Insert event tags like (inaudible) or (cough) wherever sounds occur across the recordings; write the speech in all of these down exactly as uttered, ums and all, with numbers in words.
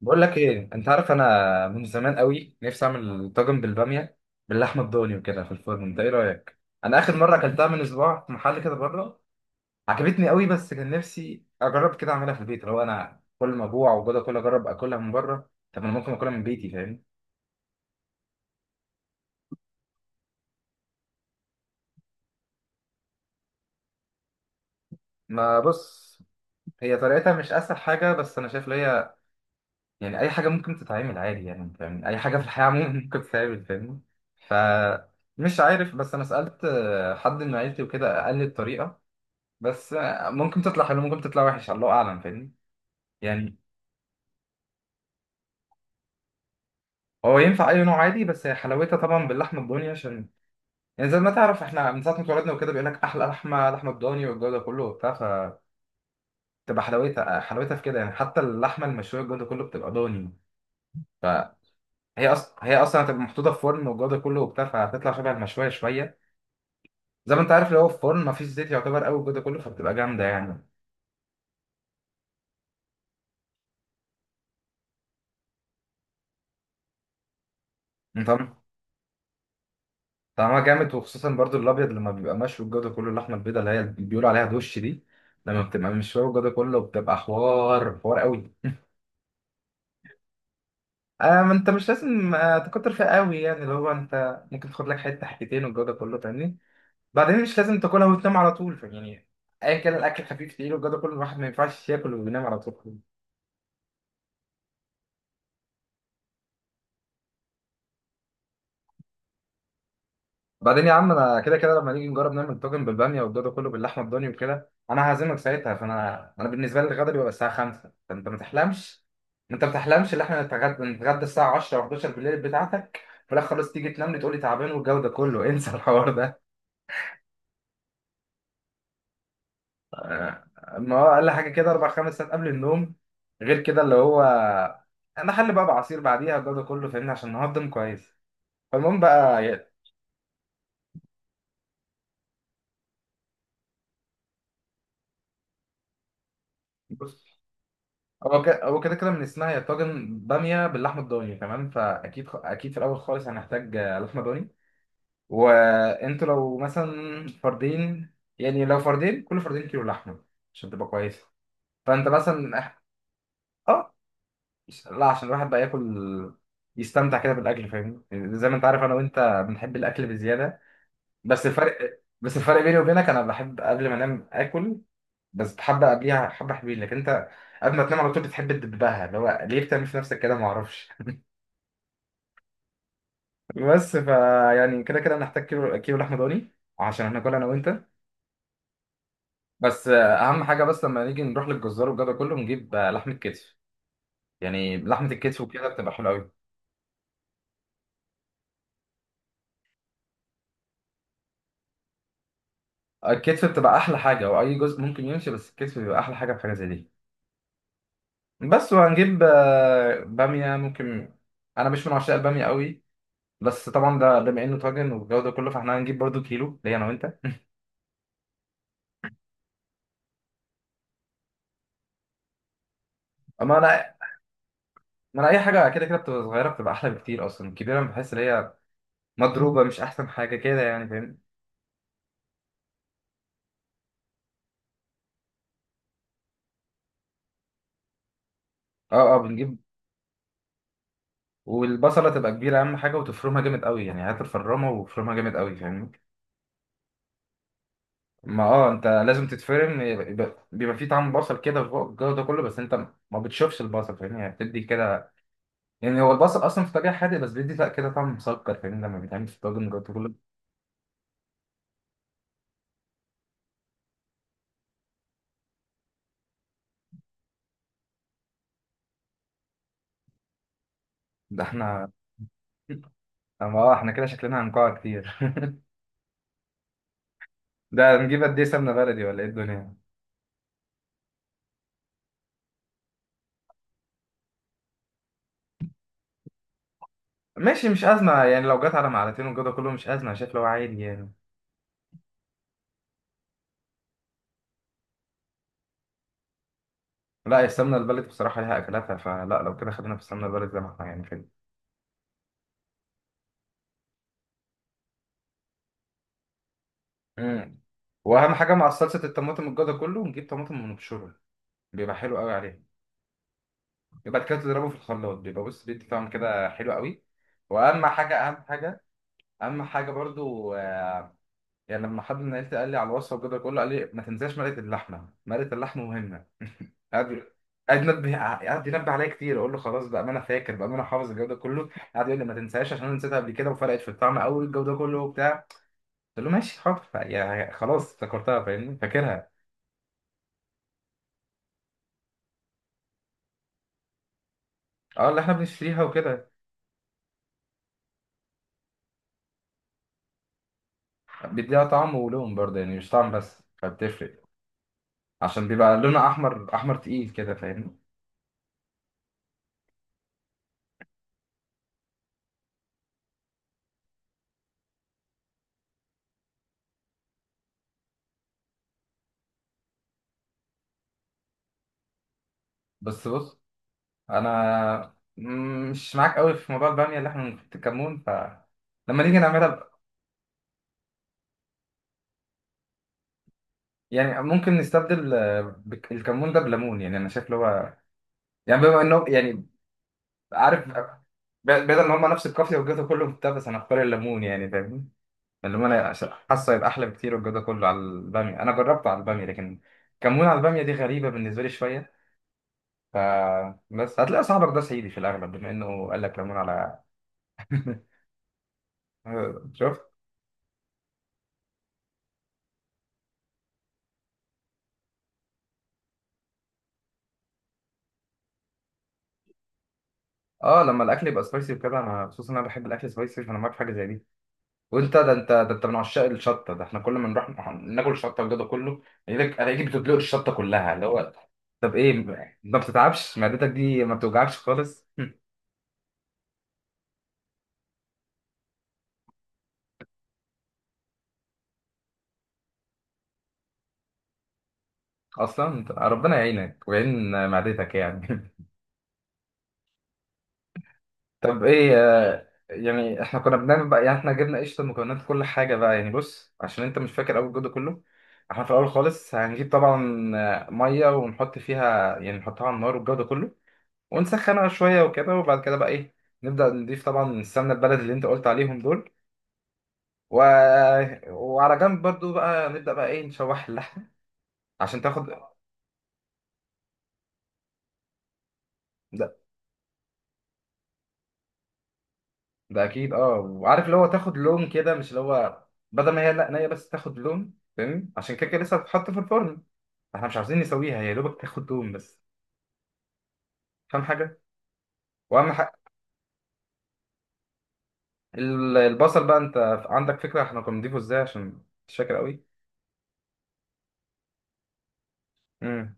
بقول لك ايه؟ انت عارف، انا من زمان قوي نفسي اعمل طاجن بالباميه باللحمه الضاني وكده في الفرن. انت ايه رايك؟ انا اخر مره اكلتها من اسبوع في محل كده بره، عجبتني قوي، بس كان نفسي اجرب كده اعملها في البيت. لو انا كل ما اجوع وجوده كل اجرب اكلها من بره، طب انا ممكن اكلها من بيتي، فاهم؟ ما بص، هي طريقتها مش اسهل حاجه، بس انا شايف ان هي، يعني اي حاجه ممكن تتعمل عادي، يعني فاهم، اي حاجه في الحياه عموما (laughs) ممكن تتعمل، فاهمني؟ ف مش عارف، بس انا سالت آه، حد من عيلتي وكده قال لي الطريقه. بس آه، ممكن تطلع حلو، ممكن تطلع وحش، الله اعلم، فاهمني. يعني هو ينفع اي نوع عادي، بس هي حلاوتها طبعا باللحمه الضاني، عشان يعني زي ما تعرف احنا من ساعه ما اتولدنا وكده بيقول لك احلى لحمه لحمه الضاني والجو ده كله وبتاع، فتبقى حلاوتها حلاوتها في كده، يعني حتى اللحمه المشويه والجو ده كله بتبقى ضاني. فهي اصلا هي اصلا هتبقى محطوطه في فرن والجو ده كله وبتاع، فهتطلع شبه المشويه شويه، زي ما انت عارف اللي هو في فرن مفيش زيت يعتبر قوي والجو ده كله، فبتبقى جامده يعني. انت طعمها جامد، وخصوصا برضو الابيض لما بيبقى مشوي الجو ده كله، اللحمه البيضاء اللي هي اللي بيقولوا عليها دوش دي، لما بتبقى مشويه الجو ده كله بتبقى حوار حوار قوي. آه، ما انت مش لازم آه تكتر فيها قوي، يعني اللي هو انت ممكن تاخد لك حته حتتين والجو ده كله، فاهمني. بعدين مش لازم تاكلها وتنام على طول يعني، ايا كان الاكل خفيف تقيل والجو ده كله، الواحد ما ينفعش ياكل وينام على طول. بعدين يا عم، انا كده كده لما نيجي نجرب نعمل طاجن بالباميه والجدو كله باللحمه الضاني وكده انا هعزمك ساعتها، فانا انا بالنسبه لي الغدا بيبقى الساعه خمسة، فانت ما تحلمش، انت ما تحلمش ان احنا نتغدى نتغدى الساعه عشرة و11 بالليل بتاعتك، في الاخر خلاص تيجي تنام لي تقول لي تعبان والجو ده كله (laughs) انسى الحوار ده. آه، ما هو اقل حاجه كده اربع خمس ساعات قبل النوم، غير كده اللي هو انا حل بقى بعصير بعديها والجو ده كله فاهمني، عشان نهضم كويس. فالمهم بقى، بص، هو ك- هو كده كده من اسمها يا طاجن باميه باللحمه الضاني تمام، فاكيد خ- اكيد في الاول خالص هنحتاج آه، لحمه ضاني. وانتوا لو مثلا فردين، يعني لو فردين كل فردين كيلو لحمه عشان تبقى كويسه. فانت مثلا إح- اه لا، عشان الواحد بقى ياكل يستمتع كده بالاكل، فاهمني، يعني زي ما انت عارف انا وانت بنحب الاكل بزياده. بس الفرق بس الفرق بيني وبينك، انا بحب قبل ما انام اكل بس حبه قبليها، حبه حلوين، لكن انت قبل ما تنام على طول بتحب تدبها، اللي هو ليه بتعمل في نفسك كده؟ ما اعرفش. بس فا يعني كده كده هنحتاج كيلو كيلو لحمه ضاني عشان هناكل انا وانت. بس آه، اهم حاجه، بس لما نيجي نروح للجزار والجو ده كله نجيب آه، لحمه كتف، يعني لحمه الكتف وكده بتبقى حلوه قوي. الكتف بتبقى احلى حاجه، واي جزء ممكن يمشي، بس الكتف بيبقى احلى حاجه في حاجه زي دي. بس وهنجيب آه، باميه ممكن، انا مش من عشاق الباميه قوي، بس طبعا ده بما انه طاجن والجو ده كله، فاحنا هنجيب برضو كيلو ليا انا وانت. اما انا ما انا اي حاجه كده كده بتبقى صغيره بتبقى احلى بكتير، اصلا الكبيره بحس ان هي مضروبه، مش احسن حاجه كده يعني فاهمني. اه اه بنجيب. والبصله تبقى كبيره اهم حاجه، وتفرمها جامد قوي، يعني هات الفرامه وفرمها جامد قوي فاهمني. ما اه، انت لازم تتفرم، يبقى- يبقى- بيبقى فيه طعم بصل كده والجو ده كله، بس انت ما بتشوفش البصل فاهمني، يعني بتدي كده، يعني هو البصل اصلا في طبيعه حادق بس بيدي لا كده طعم مسكر، فاهمني، لما بيتعمل في الطاجن والجو ده كله. ده احنا (laughs) اما اه، احنا كده شكلنا هنقع كتير. (laughs) ده نجيب قد ايه سمنه بلدي ولا ايه الدنيا؟ ماشي مش ازمه، يعني لو جت على معلقتين والجو ده كله مش ازمه، شايف، لو عادي يعني. لا، يا السمنة البلدي بصراحة ليها أكلاتها، فلا لو كده خلينا في السمنة البلدي زي ما احنا يعني كده. امم. وأهم حاجة مع صلصة الطماطم الجودة كله نجيب طماطم ونبشره، بيبقى حلو قوي عليه. يبقى بعد كده تضربه في الخلاط بيبقى بص بيدي طعم كده حلو قوي. وأهم حاجة، أهم حاجة أهم حاجة برضو، آه، يعني لما حد من عيلتي قال لي على الوصفه وكده كله، قال لي ما تنساش مرقه اللحمه، مرقه اللحمه مهمه. (laughs) قعد قعد ينبه قعد ينبه عليا كتير، اقول له خلاص بقى ما انا فاكر بقى، ما انا حافظ الجو ده كله، قعد يقول لي ما تنساش، عشان انا نسيتها قبل كده وفرقت في الطعم قوي الجو ده كله وبتاع. قلت له ماشي حاضر، ف- يعني خلاص افتكرتها فاهمني، فاكرها. اه، اللي احنا بنشتريها وكده. بيديها طعم ولون برضه، يعني مش طعم بس، فبتفرق، عشان بيبقى لونها احمر احمر تقيل كده فاهمني. بس بص، انا مم، مش معاك قوي في موضوع الباميه اللي احنا بنحط الكمون ف لما نيجي نعملها ب... يعني ممكن نستبدل آه، بك- الكمون ده بليمون، يعني انا شايف اللي هو، يعني بما انه يعني، عارف، ب- بدل ان هم نفس القافيه والجو ده كله وبتاع، بس انا هختار الليمون يعني فاهمني. الليمون أنا عش- حاسه يبقى احلى بكتير والجو ده كله على الباميه، انا جربته على الباميه، لكن كمون على الباميه دي غريبه بالنسبه لي شويه. ف بس هتلاقي صاحبك ده صعيدي في الاغلب بما انه قال لك ليمون على. (laughs) شفت؟ اه، لما الاكل يبقى سبايسي وكده انا خصوصا انا بحب الاكل سبايسي، فانا معاك في حاجه زي دي. وانت ده انت ده انت من عشاق الشطه، ده احنا كل ما نروح نح- ناكل شطه وجدا كله، الاقيك الاقيك بتدلق الشطه كلها، اللي هو طب ايه؟ ما بتتعبش معدتك دي؟ ما بتوجعكش خالص؟ (laughs) اصلا انت- ربنا يعينك ويعين معدتك يعني. (laughs) طب ايه آه، يعني احنا كنا بنعمل بقى، يعني احنا جبنا قشطه مكونات كل حاجه بقى يعني، بص عشان انت مش فاكر اول الجو كله. احنا في الاول خالص هنجيب طبعا آه، ميه ونحط فيها يعني، نحطها على النار والجو ده كله ونسخنها شويه وكده، وبعد كده بقى ايه، نبدا نضيف طبعا السمنه البلدي اللي انت قلت عليهم دول. و... وعلى جنب برضو بقى نبدا بقى ايه نشوح اللحمه عشان تاخد. ده ده اكيد، اه، وعارف اللي هو تاخد لون كده، مش اللي هو بدل ما هي لا نيه، بس تاخد لون، فاهم، عشان كده كده لسه هتتحط في الفرن، احنا مش عاوزين نسويها، هي يا دوبك تاخد دهون بس، فاهم حاجه. واهم حاجه، ال- البصل بقى، انت عندك فكره احنا كنا بنضيفه ازاي؟ عشان مش فاكر قوي. امم.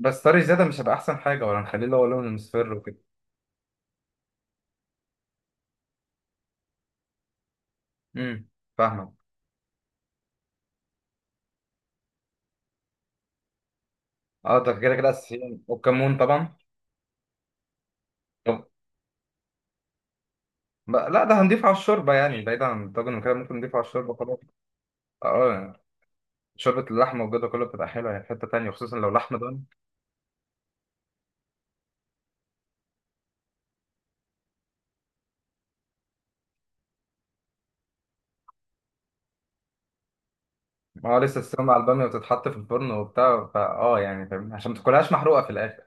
بس طري زياده مش هيبقى احسن حاجه، ولا نخليه اللي هو لون المصفر وكده؟ امم، فاهمك. اه ده كده كده اساسيين، والكمون طبعا. طب بقى- لا ده هنضيفه على الشوربه يعني، بعيدا عن الطاجن وكده ممكن نضيفه على الشوربه خلاص. اه يعني شوربه اللحمه والجبنه كله بتبقى حلوه يعني في حته تانيه، خصوصا لو لحمه ضاني. ما هو لسه السوا مع الباميه وتتحط في الفرن وبتاع، فاه يعني فاهم، عشان ما تاكلهاش محروقه في الاخر.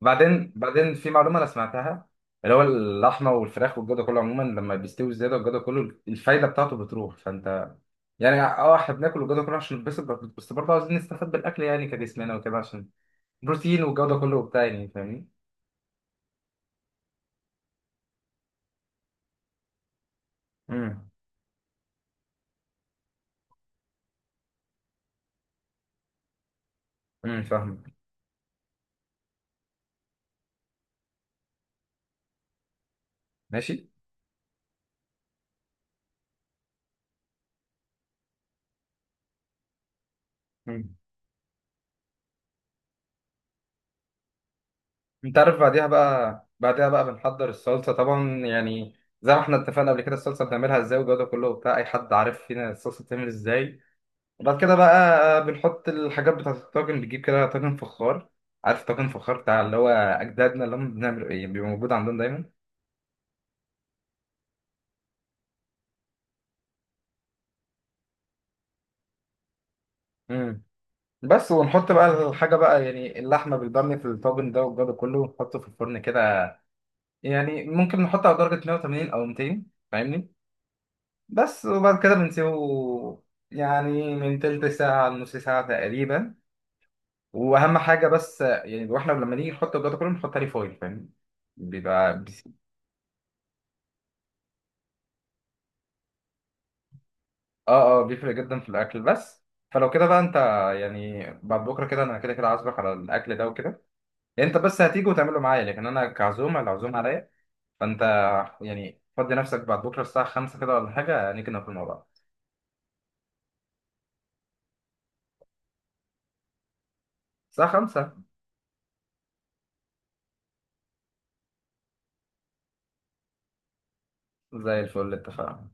بعدين بعدين في معلومه انا سمعتها، اللي هو اللحمه والفراخ والجدر كله عموما لما بيستوي زياده والجدر كله الفايده بتاعته بتروح، فانت يعني اه آه، احنا بناكل والجدر كله عشان نتبسط، بس برضه عايزين نستفاد بالاكل يعني كجسمنا وكده، عشان بروتين والجوده كله وبتاع يعني فاهمني. امم. امم فاهم ماشي مم. انت عارف، بعديها بقى، بعدها بقى بنحضر الصلصه طبعا يعني، زي ما احنا اتفقنا قبل كده الصلصه بنعملها ازاي والجوده كله وبتاع، اي حد عارف فينا الصلصه بتعمل ازاي. وبعد كده بقى آه، بنحط الحاجات بتاعة الطاجن، بنجيب كده طاجن فخار. عارف طاجن فخار بتاع اللي هو أجدادنا اللي هم بنعمل إيه، بيبقى موجود عندهم دايما. امم. بس ونحط بقى الحاجة بقى يعني، اللحمة بالبامية في الطاجن ده والجو ده كله ونحطه في الفرن كده، يعني ممكن نحطه على درجة مائة وثمانين أو ميتين فاهمني. بس وبعد كده بنسيبه يعني من تلت ساعة لنص ساعة تقريبا. وأهم حاجة بس، يعني واحنا لما نيجي نحط الجو ده كله بنحط عليه فويل فاهمني. بيبقى اه اه بيفرق جدا في الاكل. بس فلو كده بقى انت، يعني بعد بكره كده انا كده كده عازمك على الاكل ده وكده، يعني انت بس هتيجي وتعمله معايا، لكن انا كعزومه العزومه عليا. فانت يعني فضي نفسك بعد بكره الساعه خمسة كده ولا حاجه، نيجي ناكل مع بعض. الساعه خمسة، زي الفل، اتفقنا.